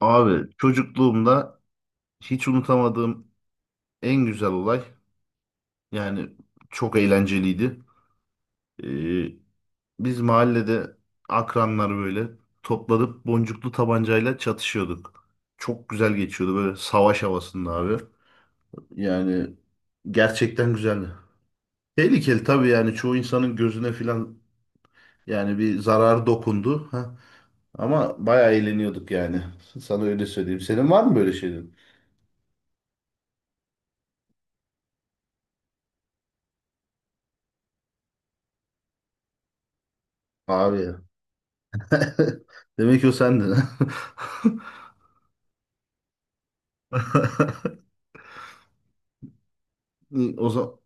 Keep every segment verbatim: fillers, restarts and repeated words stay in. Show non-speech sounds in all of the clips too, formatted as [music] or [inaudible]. Abi çocukluğumda hiç unutamadığım en güzel olay, yani çok eğlenceliydi. Ee, Biz mahallede akranlar böyle toplanıp boncuklu tabancayla çatışıyorduk. Çok güzel geçiyordu böyle savaş havasında abi. Yani gerçekten güzeldi. Tehlikeli tabii, yani çoğu insanın gözüne filan yani bir zarar dokundu. Ha. Ama bayağı eğleniyorduk yani. Sana öyle söyleyeyim. Senin var mı böyle şeyler? Abi, [laughs] demek ki o sendin. [laughs] O zaman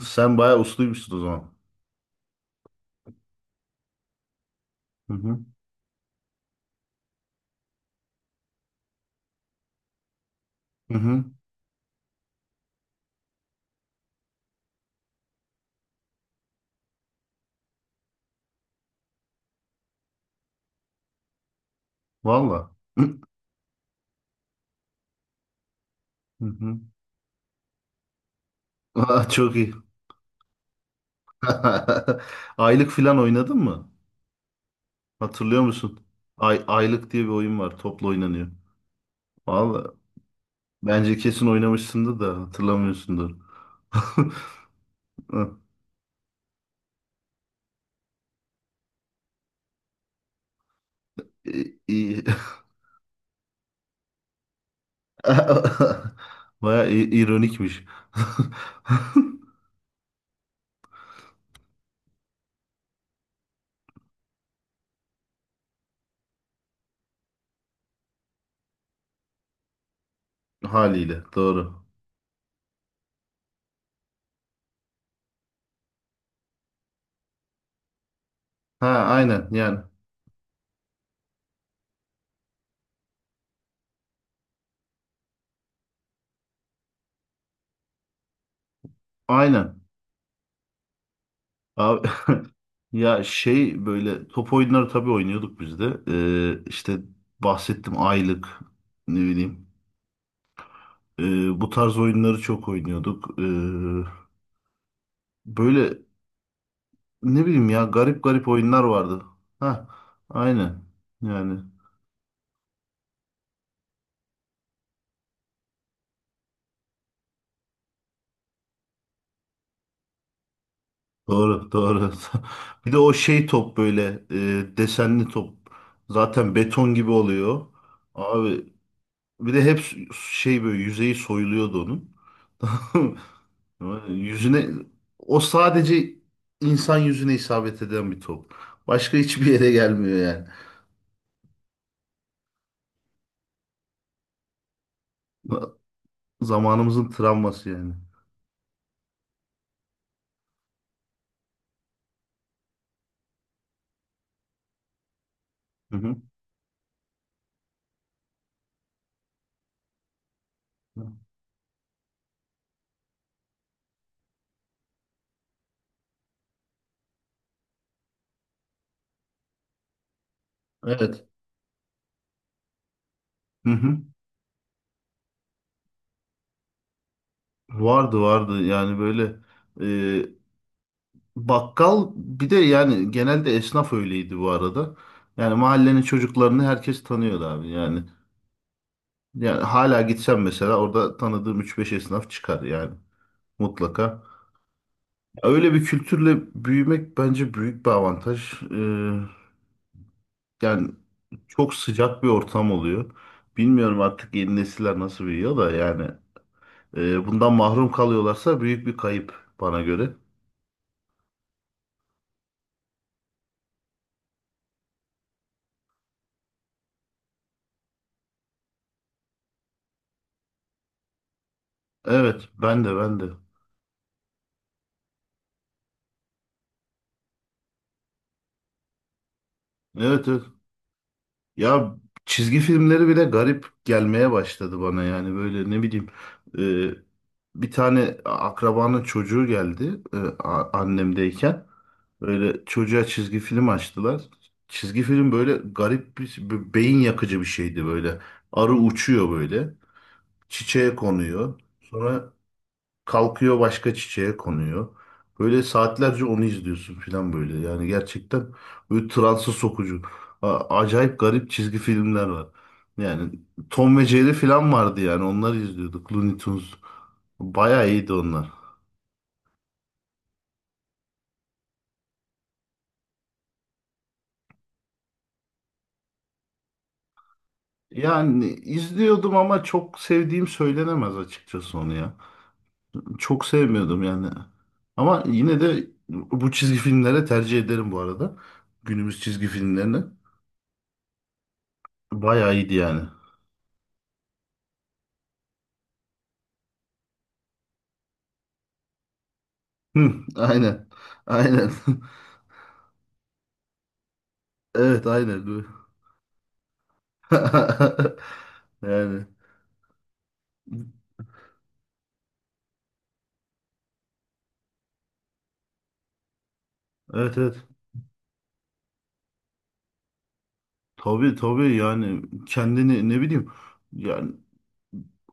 sen bayağı usluymuşsun o zaman. Hı hı. Hı hı. Valla. Hı hı. Aa, çok iyi. [laughs] Aylık filan oynadın mı? Hatırlıyor musun? Ay, aylık diye bir oyun var. Topla oynanıyor. Valla. Bence kesin oynamışsındır da hatırlamıyorsundur. [laughs] Hı. İ- iyi. [laughs] Bayağı i- ironikmiş. [laughs] Haliyle. Doğru. Ha, aynen. Yani aynen. Abi, [laughs] ya şey, böyle top oyunları tabii oynuyorduk biz de. Ee, işte bahsettim, aylık, ne bileyim. Ee, bu tarz oyunları çok oynuyorduk. Ee, böyle, ne bileyim, ya garip garip oyunlar vardı. Ha, aynen. Yani doğru doğru. [laughs] Bir de o şey top böyle, e, desenli top. Zaten beton gibi oluyor. Abi, bir de hep şey, böyle yüzeyi soyuluyordu onun. [laughs] Yüzüne, o sadece insan yüzüne isabet eden bir top. Başka [laughs] hiçbir yere gelmiyor yani. Zamanımızın travması yani. Hı hı. Evet. Hı hı. Vardı vardı, yani böyle e, bakkal, bir de yani genelde esnaf öyleydi bu arada. Yani mahallenin çocuklarını herkes tanıyordu abi yani. Yani hala gitsem mesela orada tanıdığım üç beş esnaf çıkar yani, mutlaka. Öyle bir kültürle büyümek bence büyük bir avantaj. Ee, yani çok sıcak bir ortam oluyor. Bilmiyorum artık yeni nesiller nasıl büyüyor da, yani e, bundan mahrum kalıyorlarsa büyük bir kayıp bana göre. Evet, ben de, ben de. Evet evet. Ya çizgi filmleri bile garip gelmeye başladı bana, yani böyle, ne bileyim, e, bir tane akrabanın çocuğu geldi, e, a- annemdeyken böyle çocuğa çizgi film açtılar. Çizgi film böyle garip bir bir beyin yakıcı bir şeydi böyle. Arı uçuyor, böyle çiçeğe konuyor, sonra kalkıyor, başka çiçeğe konuyor. Böyle saatlerce onu izliyorsun falan böyle. Yani gerçekten böyle transa sokucu. A- Acayip garip çizgi filmler var. Yani Tom ve Jerry falan vardı, yani onları izliyorduk. Looney Tunes. Bayağı iyiydi onlar. Yani izliyordum ama çok sevdiğim söylenemez açıkçası onu ya. Çok sevmiyordum yani. Ama yine de bu çizgi filmlere tercih ederim bu arada. Günümüz çizgi filmlerini. Bayağı iyiydi yani. Hı, aynen. Aynen. [laughs] Evet, aynen. Bu- [laughs] Yani evet evet. Tabii tabii, yani kendini ne bileyim, yani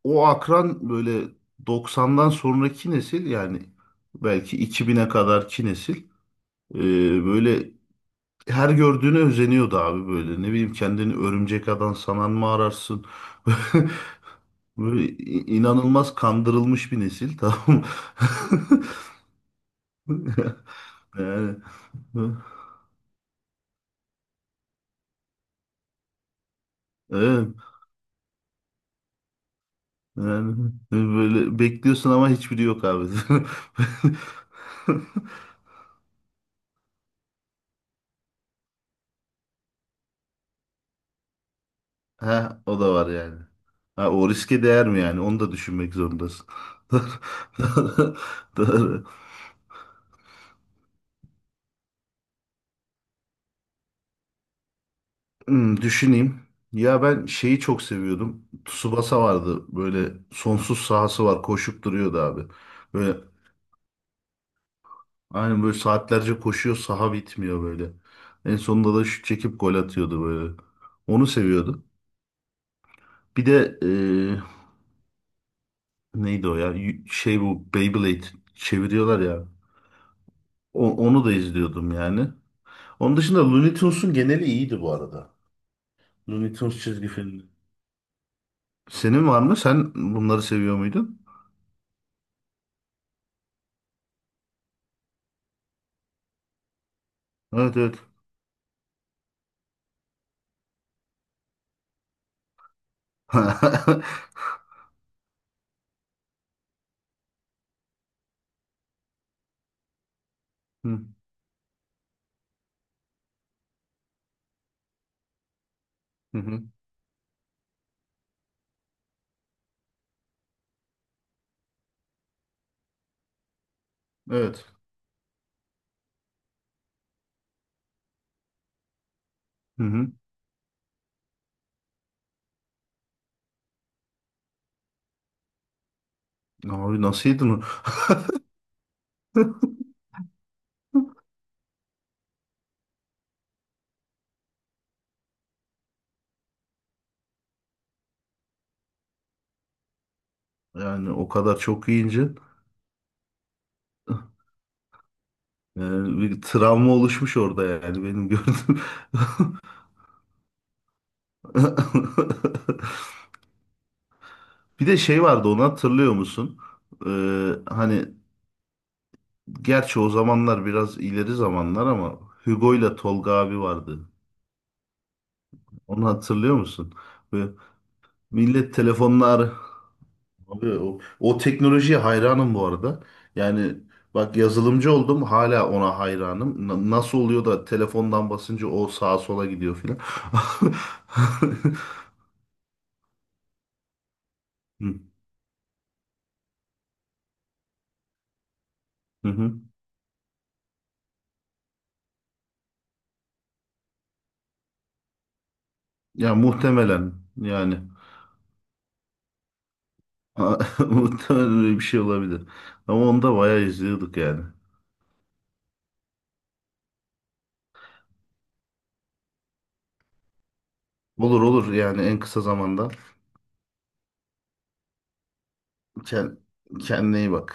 o akran böyle doksan'dan sonraki nesil, yani belki iki bine kadarki nesil, e, böyle her gördüğüne özeniyordu abi, böyle ne bileyim, kendini örümcek adam sanan mı ararsın, [laughs] böyle i- inanılmaz kandırılmış bir nesil, tamam mı? [laughs] Yani evet. Yani böyle bekliyorsun ama hiçbiri yok abi. [laughs] Ha, o da var yani. Ha, o riske değer mi yani? Onu da düşünmek zorundasın. [laughs] Doğru. Doğru. Hmm, düşüneyim. Ya ben şeyi çok seviyordum. Tsubasa vardı. Böyle sonsuz sahası var. Koşup duruyordu abi. Böyle aynen, böyle saatlerce koşuyor. Saha bitmiyor böyle. En sonunda da şut çekip gol atıyordu böyle. Onu seviyordum. Bir de neydi o ya? Y- Şey, bu Beyblade çeviriyorlar ya. O- onu da izliyordum yani. Onun dışında Looney Tunes'un geneli iyiydi bu arada. Looney Tunes çizgi filmi. Senin var mı? Sen bunları seviyor muydun? Evet evet. [laughs] Hı, hı hı. Evet. Hı hı. Abi, nasıl yedin o? Yani o kadar çok yiyince, yani bir travma oluşmuş orada yani, benim gördüğüm. [laughs] Bir de şey vardı, onu hatırlıyor musun? Ee, hani, gerçi o zamanlar biraz ileri zamanlar ama Hugo ile Tolga abi vardı. Onu hatırlıyor musun? Ve millet telefonlar, abi o, o teknolojiye hayranım bu arada. Yani bak, yazılımcı oldum, hala ona hayranım. Na- nasıl oluyor da telefondan basınca o sağa sola gidiyor filan. [laughs] Hı hı. Hı. Ya muhtemelen yani, [laughs] muhtemelen öyle bir şey olabilir. Ama onu da bayağı izliyorduk yani. Olur olur, yani en kısa zamanda. Kend- kendine iyi bak.